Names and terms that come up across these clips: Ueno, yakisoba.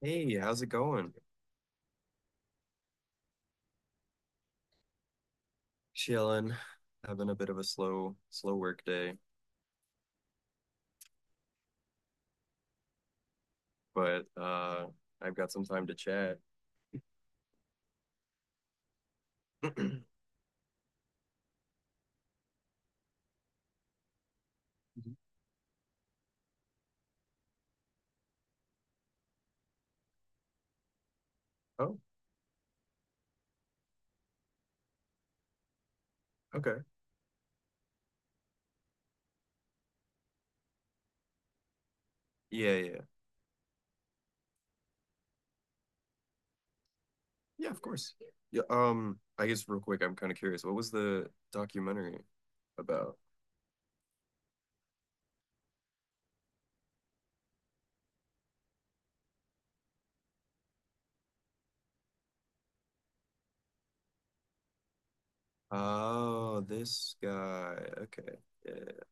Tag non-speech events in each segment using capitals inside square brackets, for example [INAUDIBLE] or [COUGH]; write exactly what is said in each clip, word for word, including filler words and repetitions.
Hey, how's it going? Chilling, having a bit of a slow, slow work day, but uh I've got some time to chat. [CLEARS THROAT] Mhm. Oh, okay. Yeah, yeah. Yeah, of course. Yeah, um, I guess real quick, I'm kind of curious. What was the documentary about? Oh, this guy. Okay. Yeah,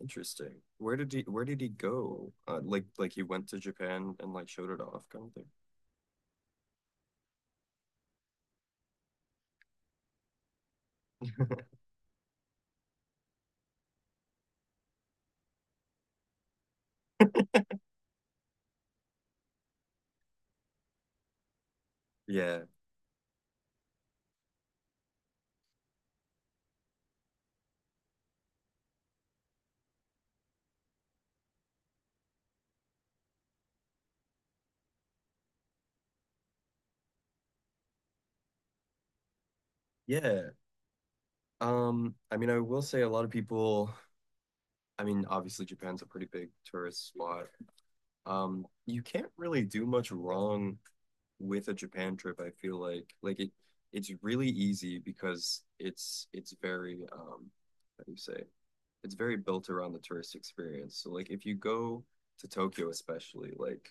interesting. Where did he where did he go? Uh, like like he went to Japan and like showed it off kind of thing. Yeah. Yeah. Um, I mean, I will say a lot of people I mean, obviously Japan's a pretty big tourist spot. Um, you can't really do much wrong with a Japan trip, I feel like. Like it it's really easy because it's it's very um how do you say? It's very built around the tourist experience. So like if you go to Tokyo especially, like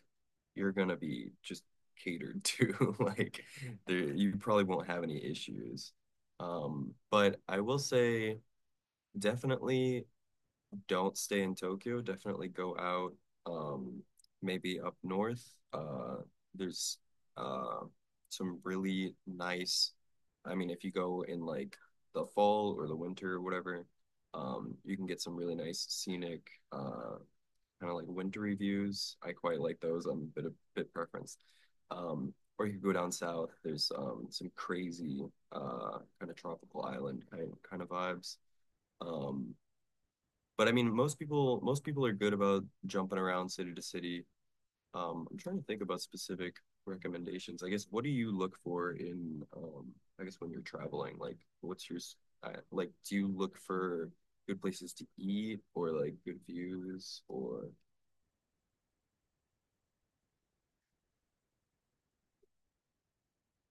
you're gonna be just catered to. [LAUGHS] Like there you probably won't have any issues. Um, but I will say definitely don't stay in Tokyo, definitely go out, um, maybe up north. Uh, there's uh, some really nice, I mean, if you go in like the fall or the winter or whatever, um, you can get some really nice scenic, uh, kind of like wintry views. I quite like those. I'm a bit of bit preference. Um, or you could go down south. There's um, some crazy uh, kind of tropical island kind kind of vibes. Um, but I mean, most people most people are good about jumping around city to city. Um, I'm trying to think about specific recommendations. I guess what do you look for in um, I guess when you're traveling? Like, what's your s- uh, like? Do you look for good places to eat or like good views or?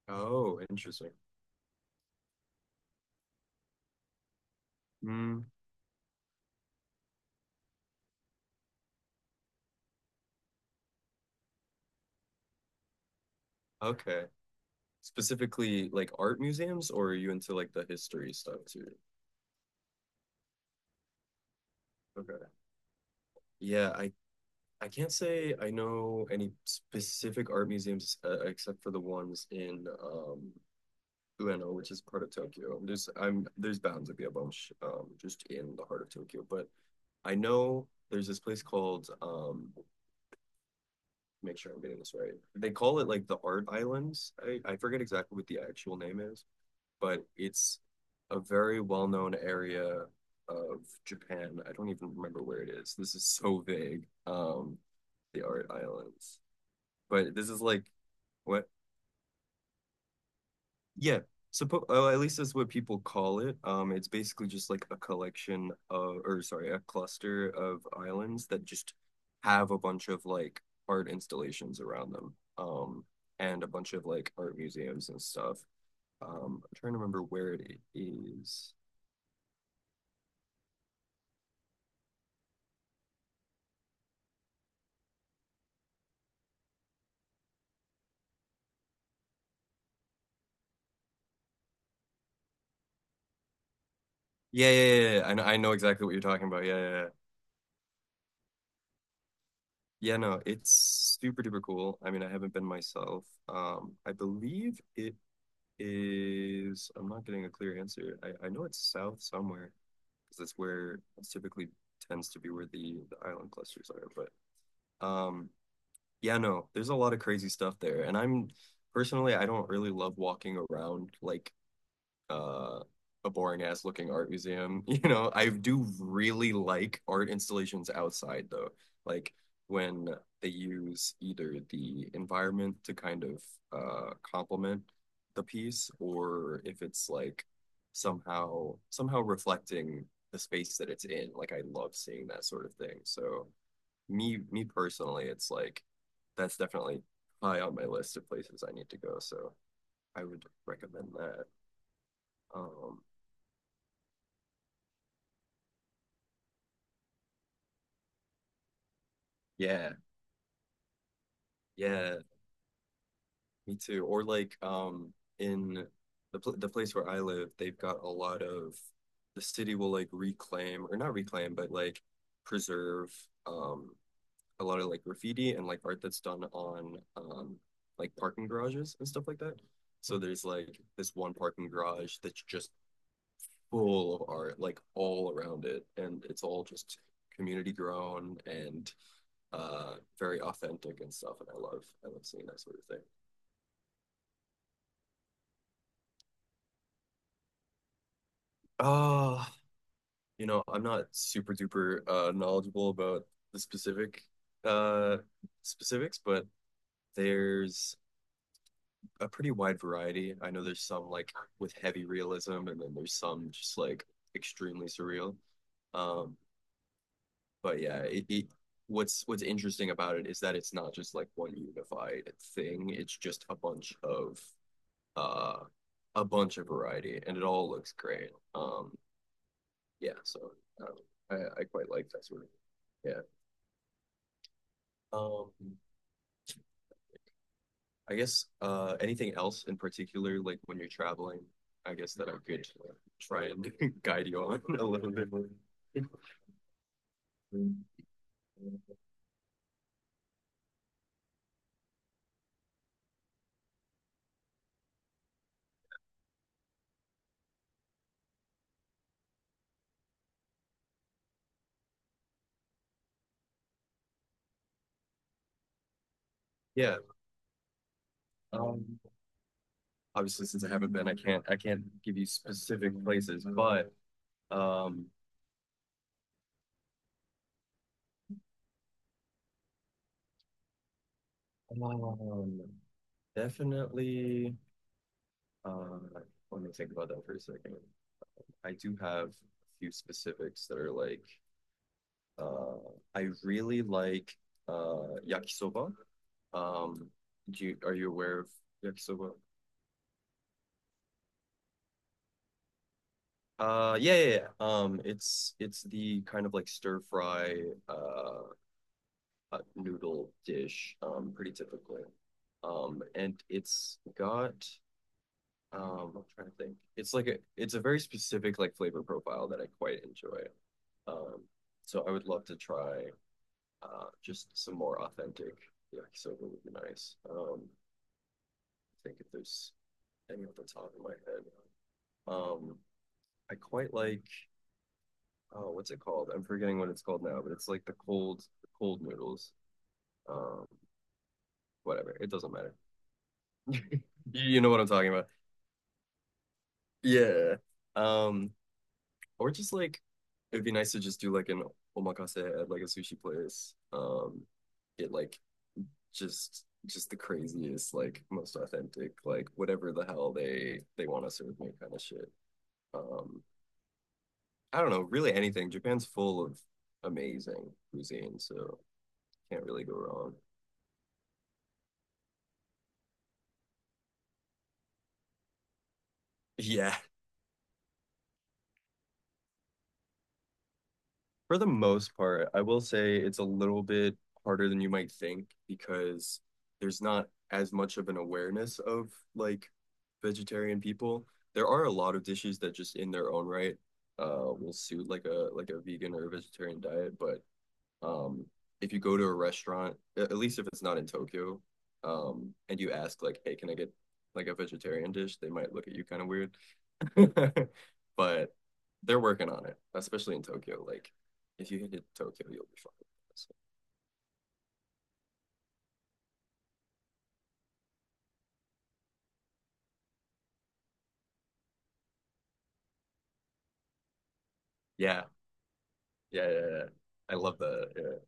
Oh, interesting. Mm, okay. Specifically, like art museums, or are you into like the history stuff too? Okay. Yeah, I I can't say I know any specific art museums uh, except for the ones in um, Ueno, which is part of Tokyo. There's I'm there's bound to be a bunch um, just in the heart of Tokyo, but I know there's this place called um, make sure I'm getting this right. They call it like the Art Islands. I, I forget exactly what the actual name is, but it's a very well-known area of Japan. I don't even remember where it is. This is so vague. Um, the Art Islands but this is like what yeah suppo oh, at least that's what people call it. um it's basically just like a collection of or sorry a cluster of islands that just have a bunch of like art installations around them, um and a bunch of like art museums and stuff. um I'm trying to remember where it is. Yeah yeah yeah, yeah. I know, I know exactly what you're talking about. yeah yeah yeah yeah, no, it's super duper cool. I mean, I haven't been myself. um I believe it is I'm not getting a clear answer. I, I know it's south somewhere because that's where it's typically tends to be where the, the island clusters are. But um, yeah, no, there's a lot of crazy stuff there. And I'm personally, I don't really love walking around like uh, a boring ass looking art museum. [LAUGHS] You know, I do really like art installations outside though. Like when they use either the environment to kind of uh complement the piece or if it's like somehow somehow reflecting the space that it's in. Like I love seeing that sort of thing. So me me personally, it's like that's definitely high on my list of places I need to go. So I would recommend that. Um Yeah, yeah, me too. Or like um in the pl the place where I live, they've got a lot of the city will like reclaim or not reclaim, but like preserve um a lot of like graffiti and like art that's done on um like parking garages and stuff like that. So there's like this one parking garage that's just full of art like all around it and it's all just community grown and uh very authentic and stuff, and I love I love seeing that sort of thing. Uh, you know, I'm not super duper uh knowledgeable about the specific uh specifics, but there's a pretty wide variety. I know there's some like with heavy realism and then there's some just like extremely surreal. Um, but yeah, it, it what's what's interesting about it is that it's not just like one unified thing. It's just a bunch of uh a bunch of variety and it all looks great. Um yeah, so um, I, I quite like that sort of, yeah. Um, I guess uh, anything else in particular, like when you're traveling, I guess that I could try and [LAUGHS] guide you on a little bit. More. Yeah, um, obviously since I haven't been, I can't I can't give you specific places, but um, um definitely. Uh, let me think about that for a second. I do have a few specifics that are like Uh, I really like uh yakisoba. Um, do you are you aware of yakisoba? Uh, yeah, yeah, yeah. Um, it's it's the kind of like stir fry uh, uh noodle dish. Um, pretty typically. Um, and it's got um, I'm trying to think. It's like a it's a very specific like flavor profile that I quite enjoy. Um, so I would love to try uh just some more authentic yakisoba would be nice. Um, think if there's any off the top of my head. Um, I quite like, oh, what's it called? I'm forgetting what it's called now, but it's like the cold, the cold noodles. Um, whatever. It doesn't matter. [LAUGHS] You know what I'm talking about. Yeah. Um, or just like, it'd be nice to just do like an omakase at like a sushi place. Um, get like just just the craziest, like most authentic, like whatever the hell they they want to serve me kind of shit. Um, I don't know, really anything. Japan's full of amazing cuisine, so can't really go wrong. Yeah, for the most part, I will say it's a little bit harder than you might think because there's not as much of an awareness of like vegetarian people. There are a lot of dishes that just in their own right uh will suit like a like a vegan or a vegetarian diet, but um if you go to a restaurant at least if it's not in Tokyo, um and you ask like hey can I get like a vegetarian dish, they might look at you kind of weird. [LAUGHS] But they're working on it, especially in Tokyo. Like if you hit Tokyo you'll be fine. So, yeah yeah yeah yeah, I love that, yeah,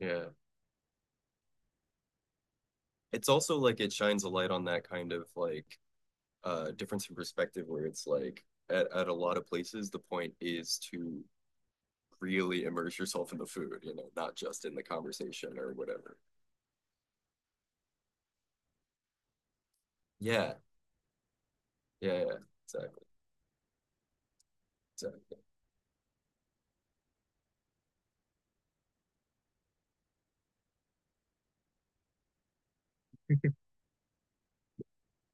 yeah. It's also like it shines a light on that kind of like uh difference in perspective where it's like at, at a lot of places the point is to really immerse yourself in the food, you know, not just in the conversation or whatever. Yeah, yeah, yeah, exactly, exactly.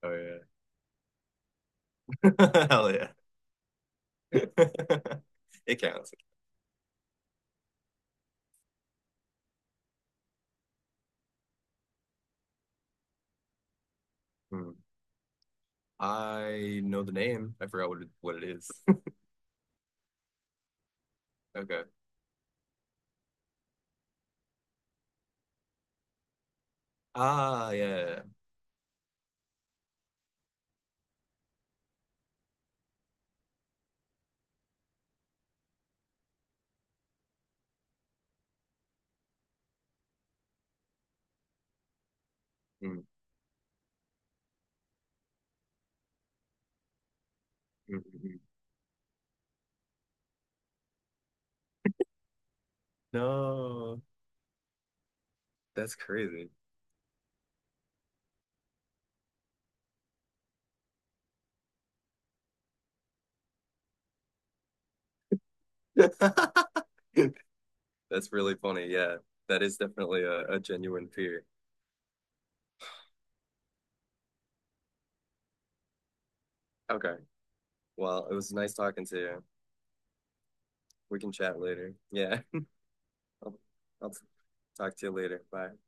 Oh yeah, [LAUGHS] hell yeah, [LAUGHS] it counts. Hmm. I know the name. I forgot what it, what it is. [LAUGHS] Okay. Ah, yeah. Mm, mm, mm. No, that's crazy. [LAUGHS] That's really funny. Yeah, that is definitely a, a genuine fear. Okay. Well, it was nice talking to you. We can chat later. Yeah. I'll I'll talk to you later. Bye.